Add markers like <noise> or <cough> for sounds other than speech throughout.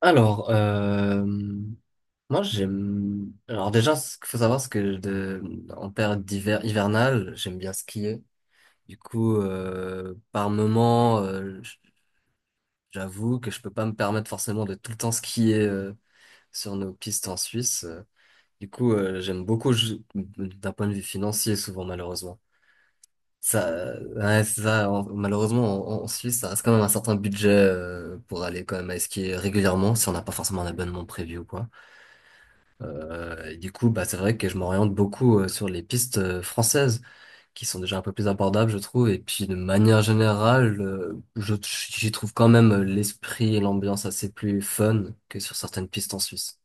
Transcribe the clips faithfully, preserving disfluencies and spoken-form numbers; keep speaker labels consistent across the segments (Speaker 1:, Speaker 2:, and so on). Speaker 1: Alors, euh, moi j'aime. Alors déjà, ce qu'il faut savoir, c'est que de... en période d'hiver hivernale, j'aime bien skier. Du coup, euh, par moment, euh, j- j'avoue que je peux pas me permettre forcément de tout le temps skier euh, sur nos pistes en Suisse. Euh, Du coup, euh, j'aime beaucoup ju- d'un point de vue financier, souvent malheureusement. Ça, euh, ouais, c'est ça. en- Malheureusement, en, en Suisse, ça reste quand même un certain budget euh, pour aller quand même à skier régulièrement si on n'a pas forcément un abonnement prévu ou quoi. Euh, Et du coup, bah, c'est vrai que je m'oriente beaucoup euh, sur les pistes euh, françaises qui sont déjà un peu plus abordables, je trouve. Et puis, de manière générale, euh, je, j'y trouve quand même euh, l'esprit et l'ambiance assez plus fun que sur certaines pistes en Suisse.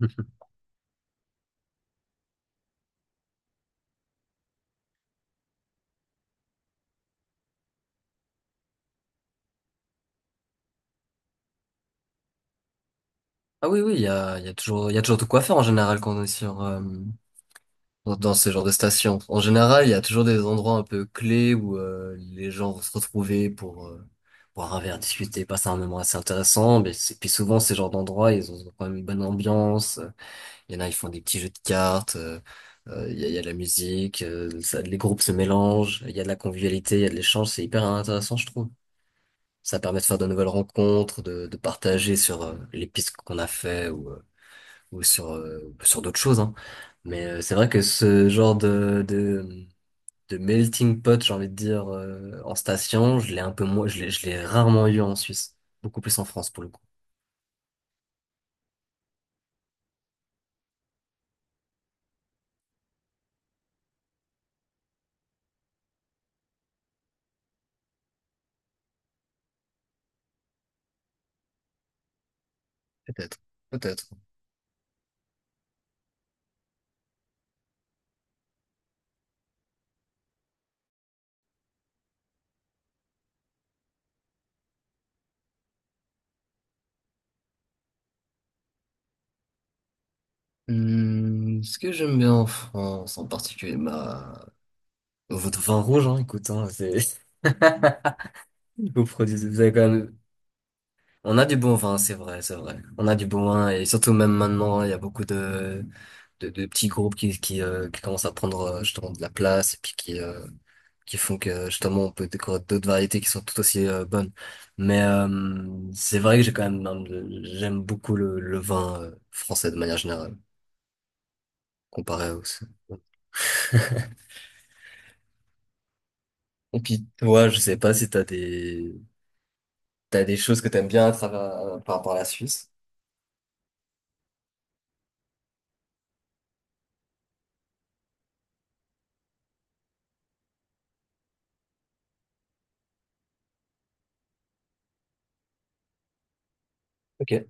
Speaker 1: <laughs> Ah oui, oui, il y a, il y a toujours, il y a toujours de quoi faire en général quand on est sur, euh, dans, dans ce genre de station. En général, il y a toujours des endroits un peu clés où euh, les gens vont se retrouver pour euh, boire un verre, discuter, passer un moment assez intéressant. Mais c'est- puis souvent, ces genres d'endroits, ils ont quand même une bonne ambiance. Il y en a, ils font des petits jeux de cartes, euh, euh, il y a, il y a de la musique, euh, ça- les groupes se mélangent, il y a de la convivialité, il y a de l'échange, c'est hyper intéressant, je trouve. Ça permet de faire de nouvelles rencontres, de, de partager sur euh, les pistes qu'on a fait ou, euh, ou sur, euh, sur d'autres choses, hein. Mais euh, c'est vrai que ce genre de, de, de melting pot, j'ai envie de dire, euh, en station, je l'ai un peu moins, je l'ai, je l'ai rarement eu en Suisse, beaucoup plus en France pour le coup. Peut-être, peut-être. Hmm, ce que j'aime bien en France, en particulier, bah votre vin rouge, hein, écoute, hein, c'est... <laughs> Vous produisez, vous avez quand même... On a du bon vin, c'est vrai, c'est vrai. On a du bon vin, et surtout même maintenant, il y a beaucoup de, de, de petits groupes qui, qui, euh, qui commencent à prendre euh, justement de la place, et puis qui, euh, qui font que justement on peut découvrir d'autres variétés qui sont tout aussi euh, bonnes. Mais euh, c'est vrai que j'ai quand même, un- j'aime beaucoup le, le vin euh, français de manière générale, comparé à. <laughs> Et puis toi, je sais pas si t'as des t'as des choses que t'aimes bien à travers par rapport à la Suisse. Ok.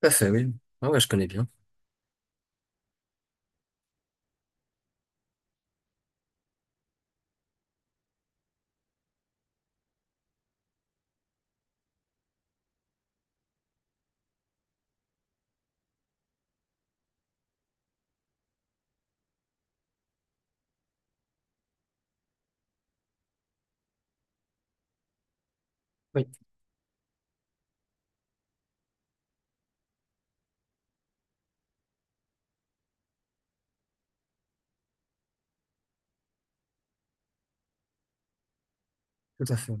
Speaker 1: Tout à fait, oui. Ah ouais, je connais bien. Oui, tout à fait. Oui.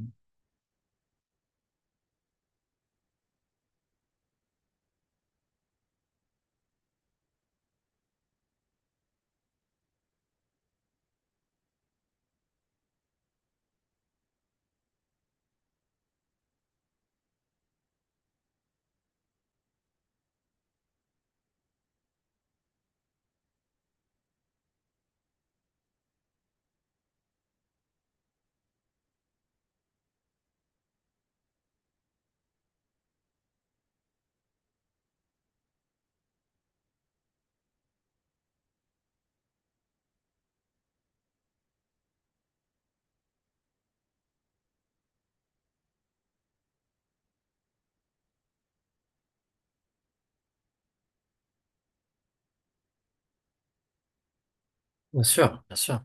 Speaker 1: Bien sûr, bien sûr.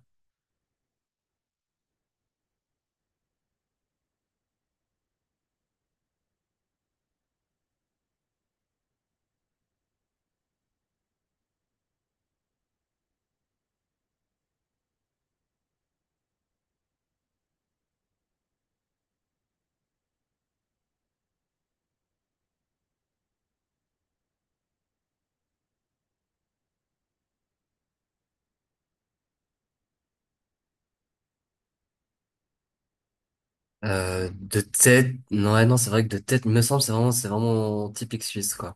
Speaker 1: Euh, de tête, non, ouais, non, c'est vrai que de tête, il me semble, c'est vraiment, c'est vraiment typique suisse, quoi.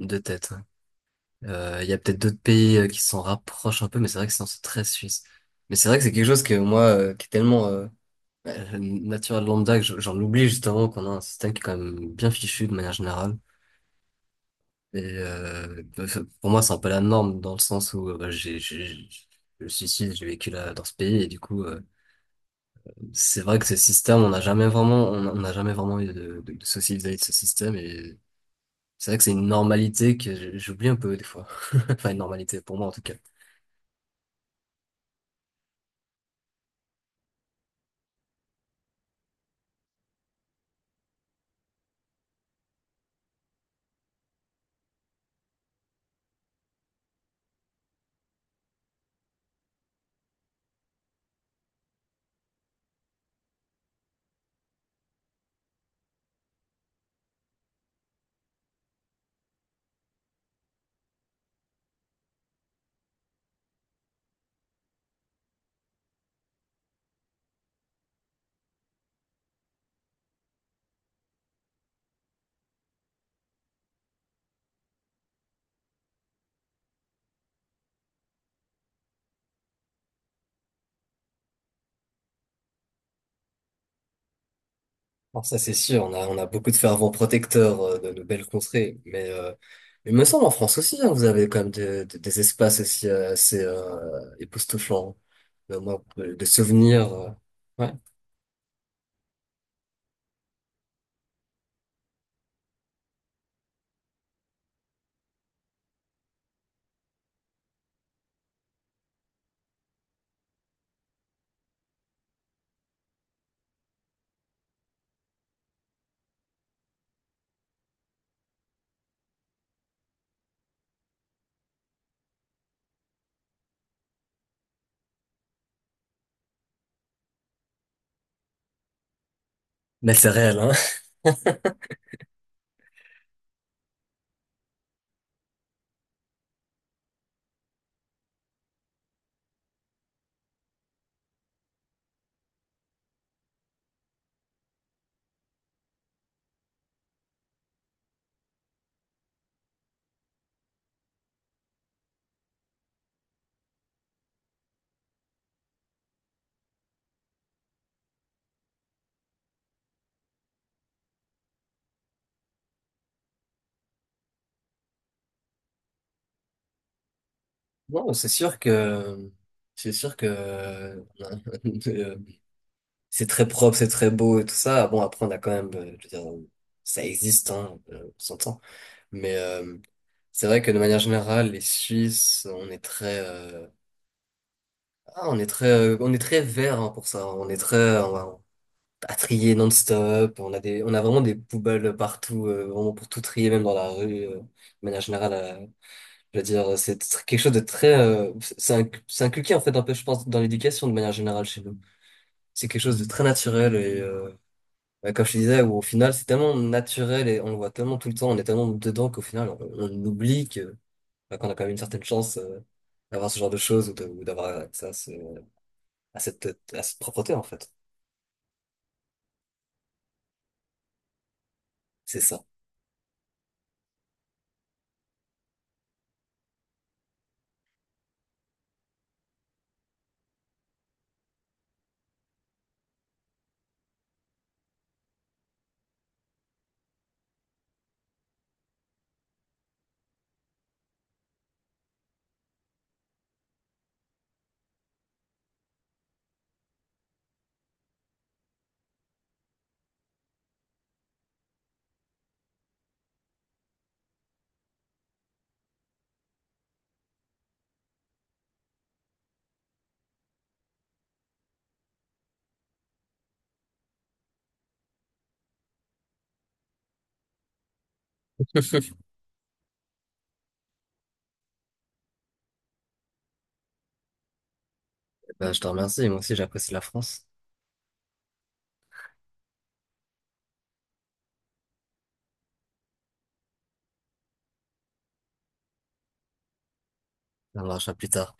Speaker 1: De tête. Ouais. Euh, Il y a peut-être d'autres pays euh, qui s'en rapprochent un peu, mais c'est vrai que sinon, c'est très suisse. Mais c'est vrai que c'est quelque chose que moi, euh, qui est tellement euh, bah, euh, naturel lambda, que je- j'en oublie justement qu'on a un système qui est quand même bien fichu de manière générale. Et euh, pour moi, c'est un peu la norme dans le sens où euh, bah, j'ai, j'ai- le suicide, j'ai vécu là, dans ce pays et du coup, euh, c'est vrai que ce système, on n'a jamais vraiment, on on n'a jamais vraiment eu de, de, de soucis vis-à-vis de ce système, et c'est vrai que c'est une normalité que j- j'oublie un peu des fois. <laughs> Enfin, une normalité pour moi en tout cas. Alors ça, c'est sûr, on a, on a beaucoup de fervents protecteurs euh, de nos belles contrées, mais euh, il me semble en France aussi, hein, vous avez quand même de- de- des espaces aussi euh, assez euh, époustouflants. Euh, moi, de souvenirs. Euh, ouais. Mais c'est réel, hein. Bon, c'est sûr que, c'est sûr que, euh, <laughs> c'est très propre, c'est très beau et tout ça. Bon, après, on a quand même, euh, je veux dire, ça existe, hein, euh, on s'entend. Mais, euh, c'est vrai que de manière générale, les Suisses, on est très, euh, ah, on est très, euh, on est très vert, hein, pour ça. On est très, euh, on va à trier non-stop. On a des, on a vraiment des poubelles partout, euh, vraiment pour tout trier, même dans la rue, euh, de manière générale. euh, Je veux dire, c'est tr- quelque chose de très, euh, c'est inc- c'est inculqué en fait un peu, je pense, dans l'éducation de manière générale chez nous. C'est quelque chose de très naturel et, euh, bah, comme je te disais, où au final c'est tellement naturel et on le voit tellement tout le temps, on est tellement dedans qu'au final on, on oublie que, bah, qu'on a quand même une certaine chance, euh, d'avoir ce genre de choses ou de- ou d'avoir accès à, ce, à cette, à cette propreté en fait. C'est ça. Bah, je te remercie, moi aussi j'apprécie la France. On en parlera plus tard.